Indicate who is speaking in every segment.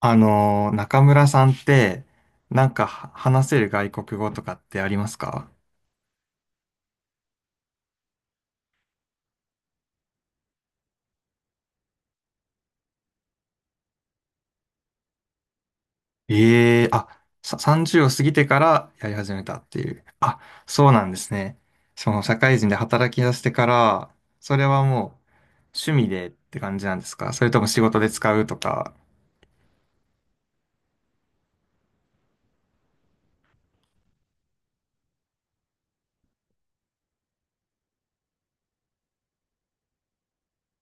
Speaker 1: 中村さんって、なんかは話せる外国語とかってありますか？ええー、あ、30を過ぎてからやり始めたっていう。あ、そうなんですね。その社会人で働き出してから、それはもう趣味でって感じなんですか？それとも仕事で使うとか。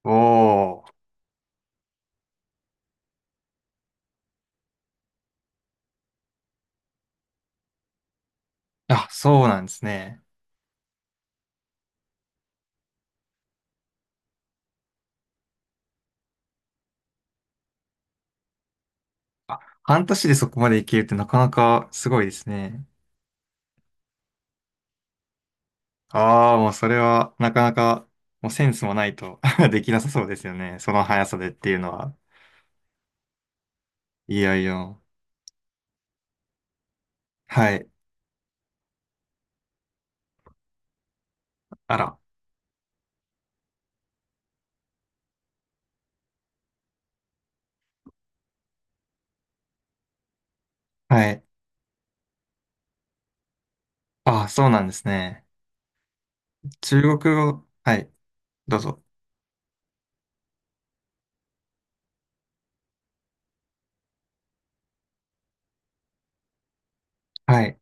Speaker 1: おー。あ、そうなんですね。あ、半年でそこまでいけるってなかなかすごいですね。ああ、もうそれはなかなか、もうセンスもないと できなさそうですよね。その速さでっていうのは。いやいや。はい。あら。はい。ああ、そうなんですね。中国語。はい。どうぞ。はい。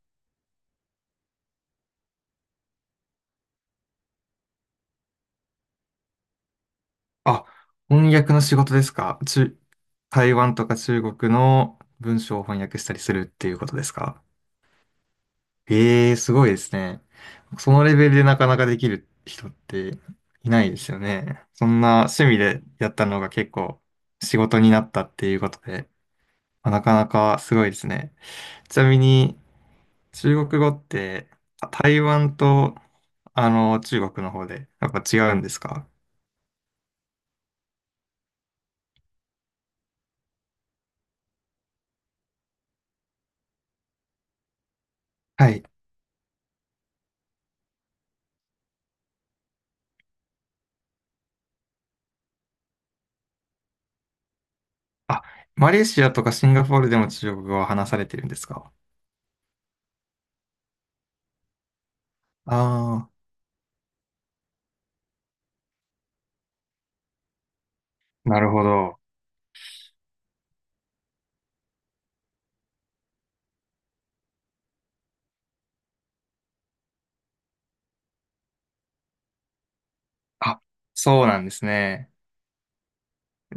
Speaker 1: あ、翻訳の仕事ですか？台湾とか中国の文章を翻訳したりするっていうことですか？ええ、すごいですね。そのレベルでなかなかできる人っていないですよね。そんな趣味でやったのが結構仕事になったっていうことで、まあなかなかすごいですね。ちなみに中国語って、あ、台湾と中国の方でやっぱ違うんですか？はい。あ、マレーシアとかシンガポールでも中国語は話されてるんですか？ああー、なるほど。あ、そうなんですね。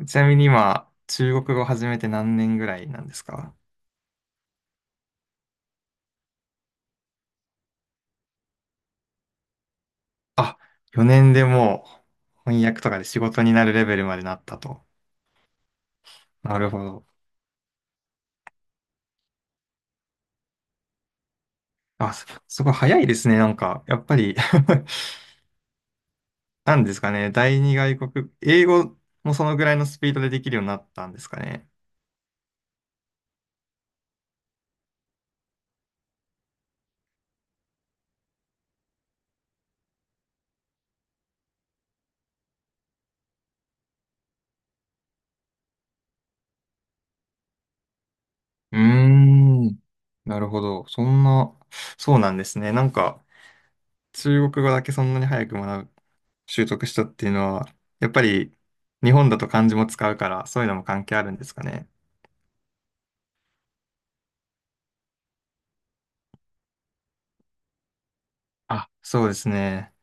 Speaker 1: ちなみに今、中国語始めて何年ぐらいなんですか？あ、4年でもう翻訳とかで仕事になるレベルまでなったと。なるほど。あ、すごい早いですね。なんか、やっぱり なんですかね。第二外国、英語もそのぐらいのスピードでできるようになったんですかね。うーん。なるほど。そうなんですね。なんか、中国語だけそんなに早く習得したっていうのは、やっぱり日本だと漢字も使うから、そういうのも関係あるんですかね。あ、そうですね。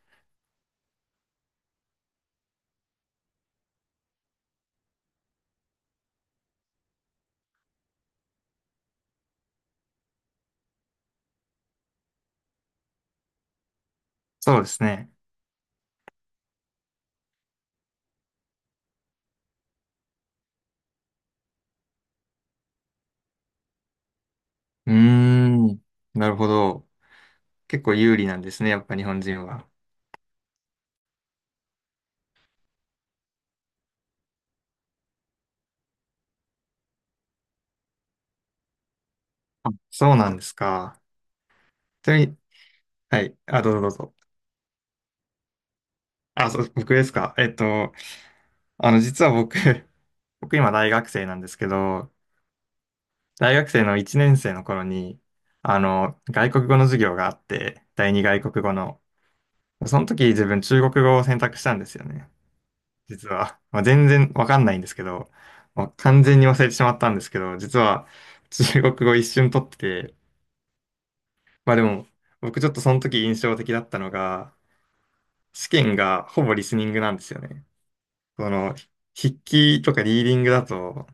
Speaker 1: そうですね。うーん。なるほど。結構有利なんですね、やっぱ日本人は。あ、そうなんですか。ちなみに、はい。あ、どうぞどうぞ。あ、そう、僕ですか。実は僕、僕今大学生なんですけど、大学生の1年生の頃に、外国語の授業があって、第二外国語の。その時自分中国語を選択したんですよね。実は、まあ、全然わかんないんですけど、まあ、完全に忘れてしまったんですけど、実は中国語一瞬取ってて、まあでも、僕ちょっとその時印象的だったのが、試験がほぼリスニングなんですよね。その、筆記とかリーディングだと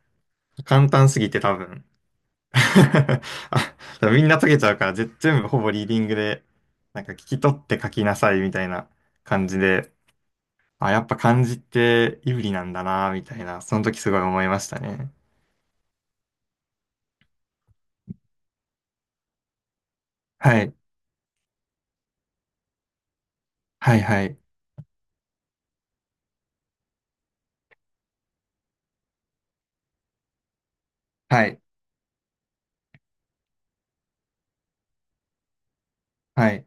Speaker 1: 簡単すぎて多分 あ、みんな解けちゃうから全部ほぼリーディングで、なんか聞き取って書きなさいみたいな感じで、あ、やっぱ漢字って有利なんだな、みたいな、その時すごい思いましたね。はい。はい、はい。はい。はい。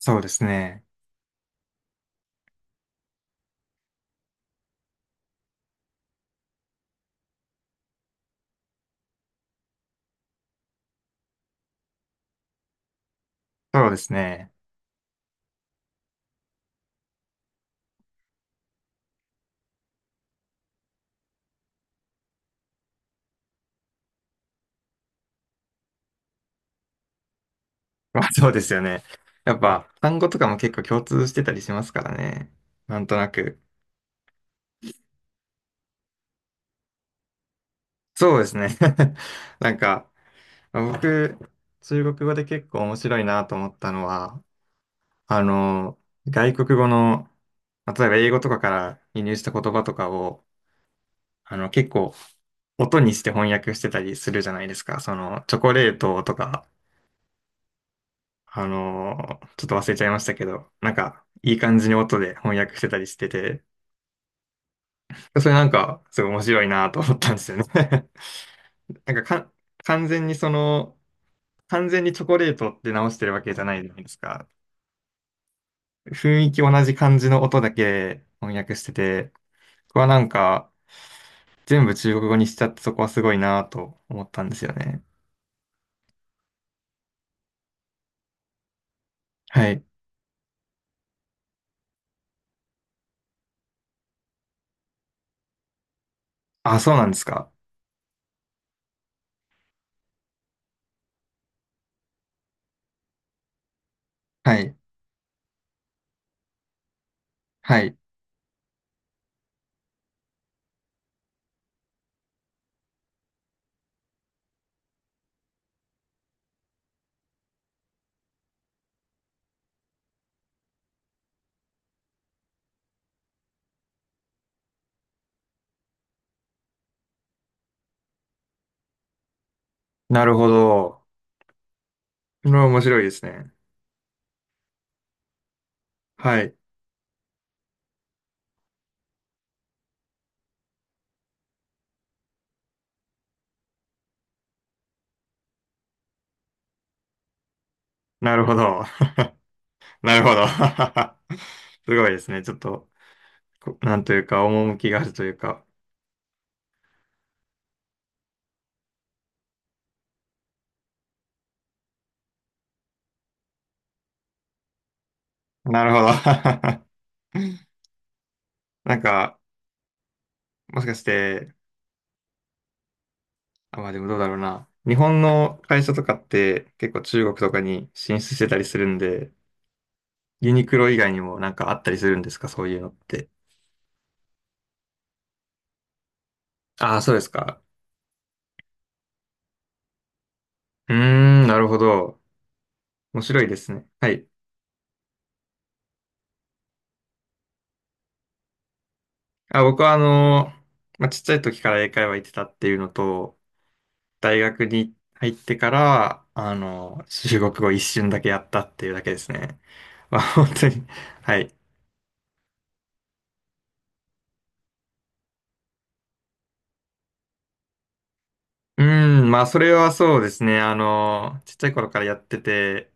Speaker 1: そうですね。そうですね。まあ、そうですよね。やっぱ、単語とかも結構共通してたりしますからね。なんとなく。そうですね。なんか、僕、中国語で結構面白いなと思ったのは、あの、外国語の、まあ例えば英語とかから輸入した言葉とかを、結構、音にして翻訳してたりするじゃないですか。その、チョコレートとか、ちょっと忘れちゃいましたけど、なんか、いい感じに音で翻訳してたりしてて、それなんか、すごい面白いなと思ったんですよね なんか、完全にその、完全にチョコレートって直してるわけじゃないじゃないですか。雰囲気同じ感じの音だけ翻訳してて、ここはなんか、全部中国語にしちゃってそこはすごいなと思ったんですよね。はい。あ、そうなんですか。はい。はい。なるほど。これは面白いですね。はい。なるほど。なるほど。すごいですね。ちょっと、なんというか、趣があるというか。なるほど。なんか、もしかして、あ、まあでもどうだろうな。日本の会社とかって結構中国とかに進出してたりするんで、ユニクロ以外にもなんかあったりするんですか？そういうのって。ああ、そうですか。うーん、なるほど。面白いですね。はい。あ、僕はまあ、ちっちゃい時から英会話行ってたっていうのと、大学に入ってから、中国語一瞬だけやったっていうだけですね。まあ、本当に。はい。うーん、まあ、それはそうですね。ちっちゃい頃からやってて、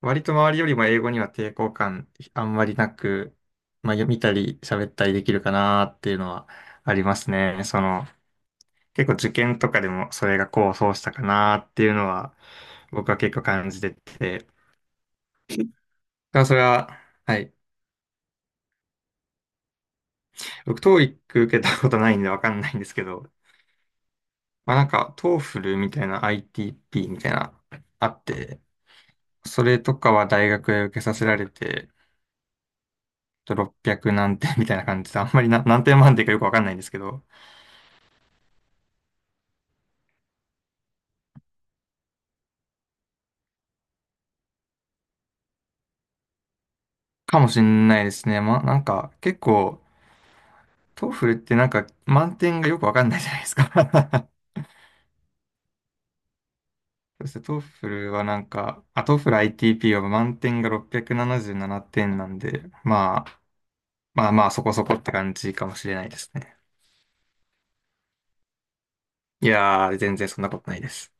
Speaker 1: 割と周りよりも英語には抵抗感あんまりなく、まあ、読みたり喋ったりできるかなっていうのはありますね。その、結構受験とかでもそれが功を奏したかなっていうのは、僕は結構感じてて、だからそれは、はい。僕、TOEIC 受けたことないんでわかんないんですけど、まあなんか、TOEFL みたいな ITP みたいな、あって、それとかは大学へ受けさせられて、ちょっと600何点みたいな感じで、あんまりな何点満点かよくわかんないんですけど、かもしんないですね。まあなんか、結構、TOEFL ってなんか、満点がよくわかんないじゃないですか。そして TOEFL はなんか、あ、TOEFL ITP は満点が677点、ななじゅうななてんなんで、まあ、まあまあそこそこって感じかもしれないですね。いやー、全然そんなことないです。